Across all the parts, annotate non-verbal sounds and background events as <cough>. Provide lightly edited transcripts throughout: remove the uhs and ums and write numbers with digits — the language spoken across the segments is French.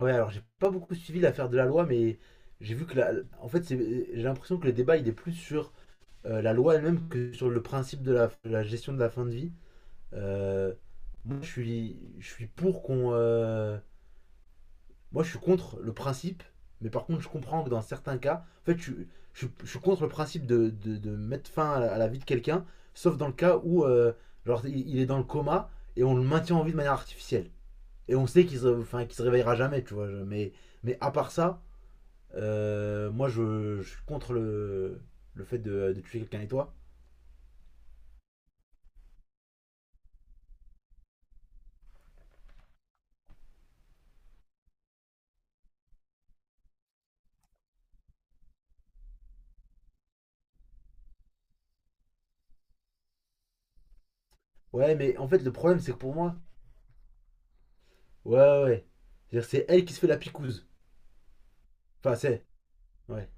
Ouais, alors j'ai pas beaucoup suivi l'affaire de la loi, mais j'ai vu que... en fait, c'est- j'ai l'impression que le débat il est plus sur la loi elle-même que sur le principe de la gestion de la fin de vie. Euh, Moi, je suis pour moi, je suis contre le principe, mais par contre, je comprends que dans certains cas, en fait, je suis contre le principe de mettre fin à à la vie de quelqu'un, sauf dans le cas où, genre, il est dans le coma et on le maintient en vie de manière artificielle. Et on sait enfin, qu'il se réveillera jamais, tu vois. Mais à part ça, moi, je suis contre le fait de tuer quelqu'un et toi. Ouais, mais en fait, le problème, c'est que pour moi, ouais, ouais, ouais. C'est-à-dire, c'est elle qui se fait la picouse. Enfin, c'est, ouais,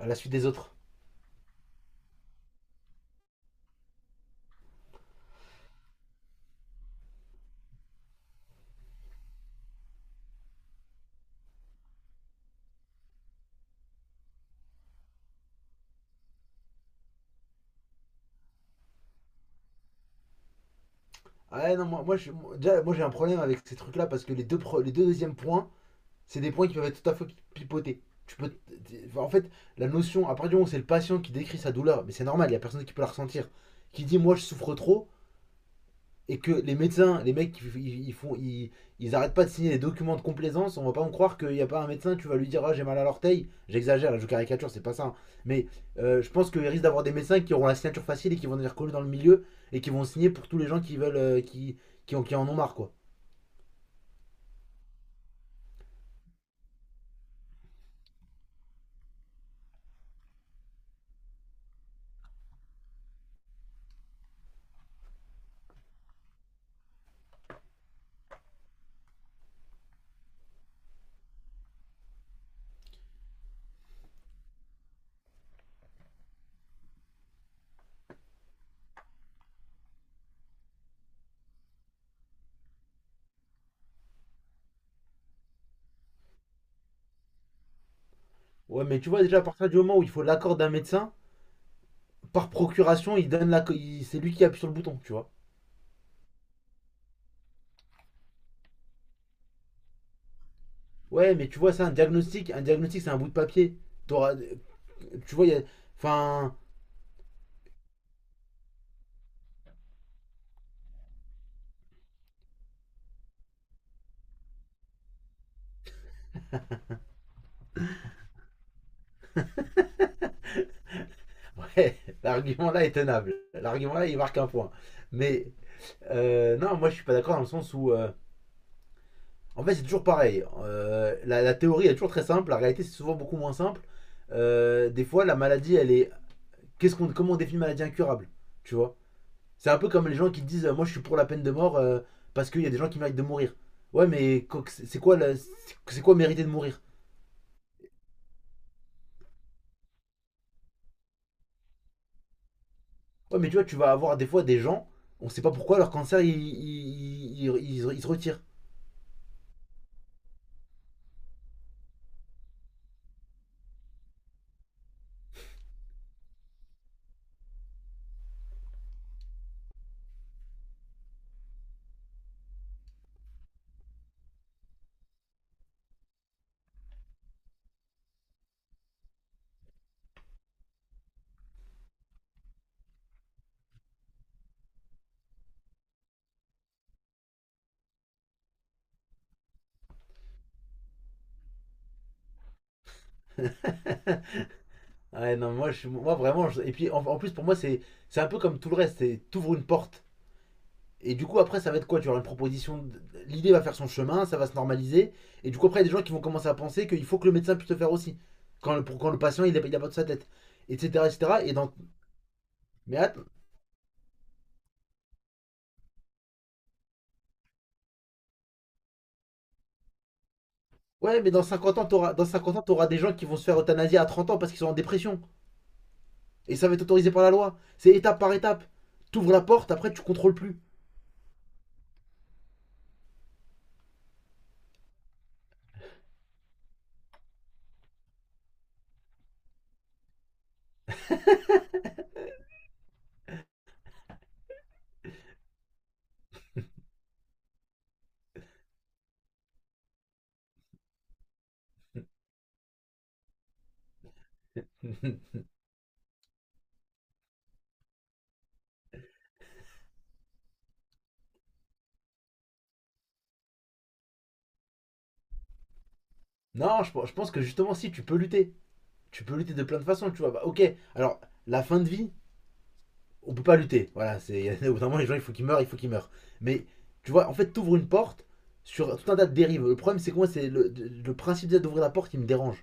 à la suite des autres. Ah ouais, non, déjà, moi, j'ai un problème avec ces trucs-là parce que les deux, les deux deuxièmes points, c'est des points qui peuvent être tout à fait pipotés. Tu peux, t- t- enfin, en fait, la notion, à partir du moment où c'est le patient qui décrit sa douleur, mais c'est normal, il n'y a personne qui peut la ressentir, qui dit, moi, je souffre trop, et que les médecins, les mecs, ils arrêtent pas de signer des documents de complaisance, on va pas en croire qu'il n'y a pas un médecin, tu vas lui dire ah, j'ai mal à l'orteil. J'exagère, je caricature, c'est pas ça, hein. Mais je pense qu'il risque d'avoir des médecins qui auront la signature facile et qui vont venir coller dans le milieu et qui vont signer pour tous les gens qui veulent, qui en ont marre, quoi. Ouais, mais tu vois, déjà, à partir du moment où il faut l'accord d'un médecin, par procuration, il donne la, il- c'est lui qui appuie sur le bouton, tu vois. Ouais, mais tu vois, c'est un diagnostic. Un diagnostic, c'est un bout de papier. T'auras- tu vois, il y a, enfin. Ouais, <laughs> l'argument-là est tenable. L'argument-là, il marque un point. Mais non, moi, je suis pas d'accord dans le sens où. En fait, c'est toujours pareil. La, la théorie elle est toujours très simple. La réalité, c'est souvent beaucoup moins simple. Des fois, la maladie, elle est. Comment on définit maladie incurable? Tu vois. C'est un peu comme les gens qui disent moi, je suis pour la peine de mort, parce qu'il y a des gens qui méritent de mourir. Ouais, c'est quoi mériter de mourir? Ouais, mais tu vois, tu vas avoir des fois des gens, on sait pas pourquoi leur cancer, il se retire. <laughs> Ouais, non, moi vraiment. Et puis en plus, pour moi, c'est un peu comme tout le reste. C'est t'ouvres une porte. Et du coup, après, ça va être quoi? Tu auras une proposition. De- L'idée va faire son chemin, ça va se normaliser. Et du coup, après, il y a des gens qui vont commencer à penser qu'il faut que le médecin puisse le faire aussi. Quand le patient, il n'a pas de sa tête. Etc. etc. Et cetera. Et dans, mais attends, ouais, mais dans 50 ans, dans 50 ans, t'auras des gens qui vont se faire euthanasier à 30 ans parce qu'ils sont en dépression. Et ça va être autorisé par la loi. C'est étape par étape. T'ouvres la porte, après, tu contrôles plus. <laughs> Non, je pense que justement, si, tu peux lutter. Tu peux lutter de plein de façons, tu vois. Bah, ok, alors la fin de vie, on peut pas lutter. Voilà, c'est <laughs> au bout d'un moment, les gens, il faut qu'ils meurent, il faut qu'ils meurent. Mais tu vois, en fait, t'ouvres une porte sur tout un tas de dérives. Le problème, c'est que moi, c'est le principe d'ouvrir la porte qui me dérange.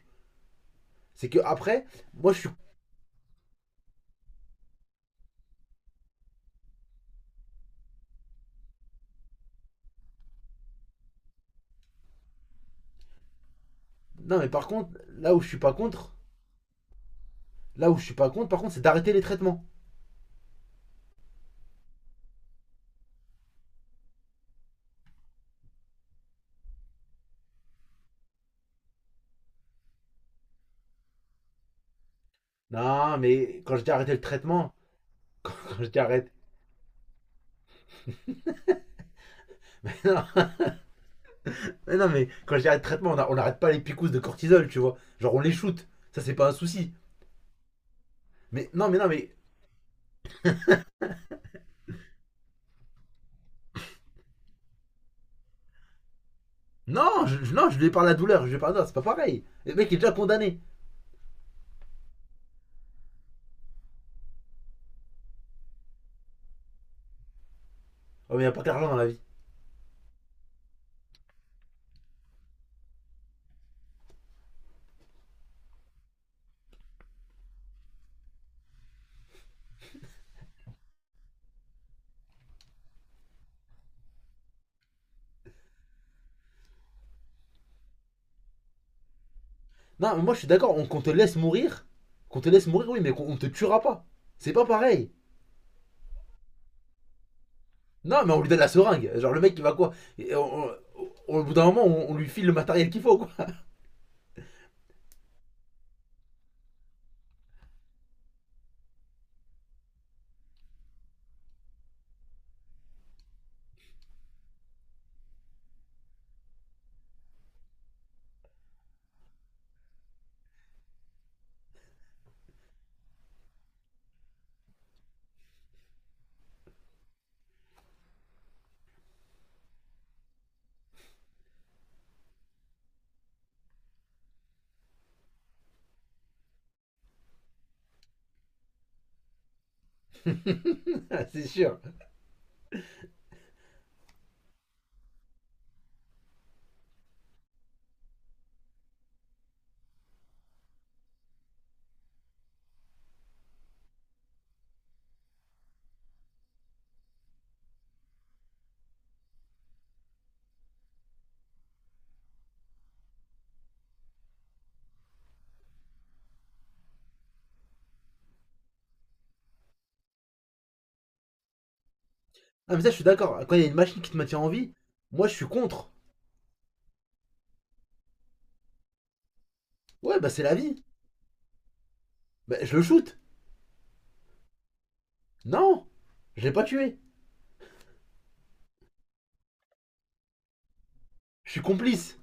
C'est que après, moi, je suis. Non, mais par contre, là où je suis pas contre, là où je suis pas contre, par contre, c'est d'arrêter les traitements. Non, mais quand je dis arrêter le traitement, <laughs> quand je dis arrête. Mais non, <laughs> mais, non, mais quand je dis arrête le traitement, on n'arrête pas les picousses de cortisol, tu vois. Genre, on les shoot. Ça, c'est pas un souci. Mais non, non, je lui ai parlé à douleur, je lui ai parlé, non, c'est pas pareil. Le mec est déjà condamné. Oh, mais y a pas que l'argent dans la vie. Non, mais moi je suis d'accord, qu'on te laisse mourir, qu'on te laisse mourir, oui, mais qu'on te tuera pas. C'est pas pareil. Non, mais on lui donne la seringue. Genre, le mec, il va quoi? on- on- Au bout d'un moment, on lui file le matériel qu'il faut, quoi. <laughs> C'est sûr. Ah, mais ça, je suis d'accord. Quand il y a une machine qui te maintient en vie, moi, je suis contre. Ouais, bah, c'est la vie. Bah, je le shoot. Non, je l'ai pas tué. Je suis complice.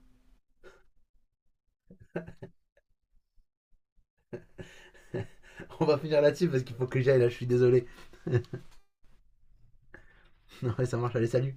<laughs> On va finir là-dessus parce qu'il faut que j'aille, là, je suis désolé. <laughs> Non Ouais, ça marche, allez, salut.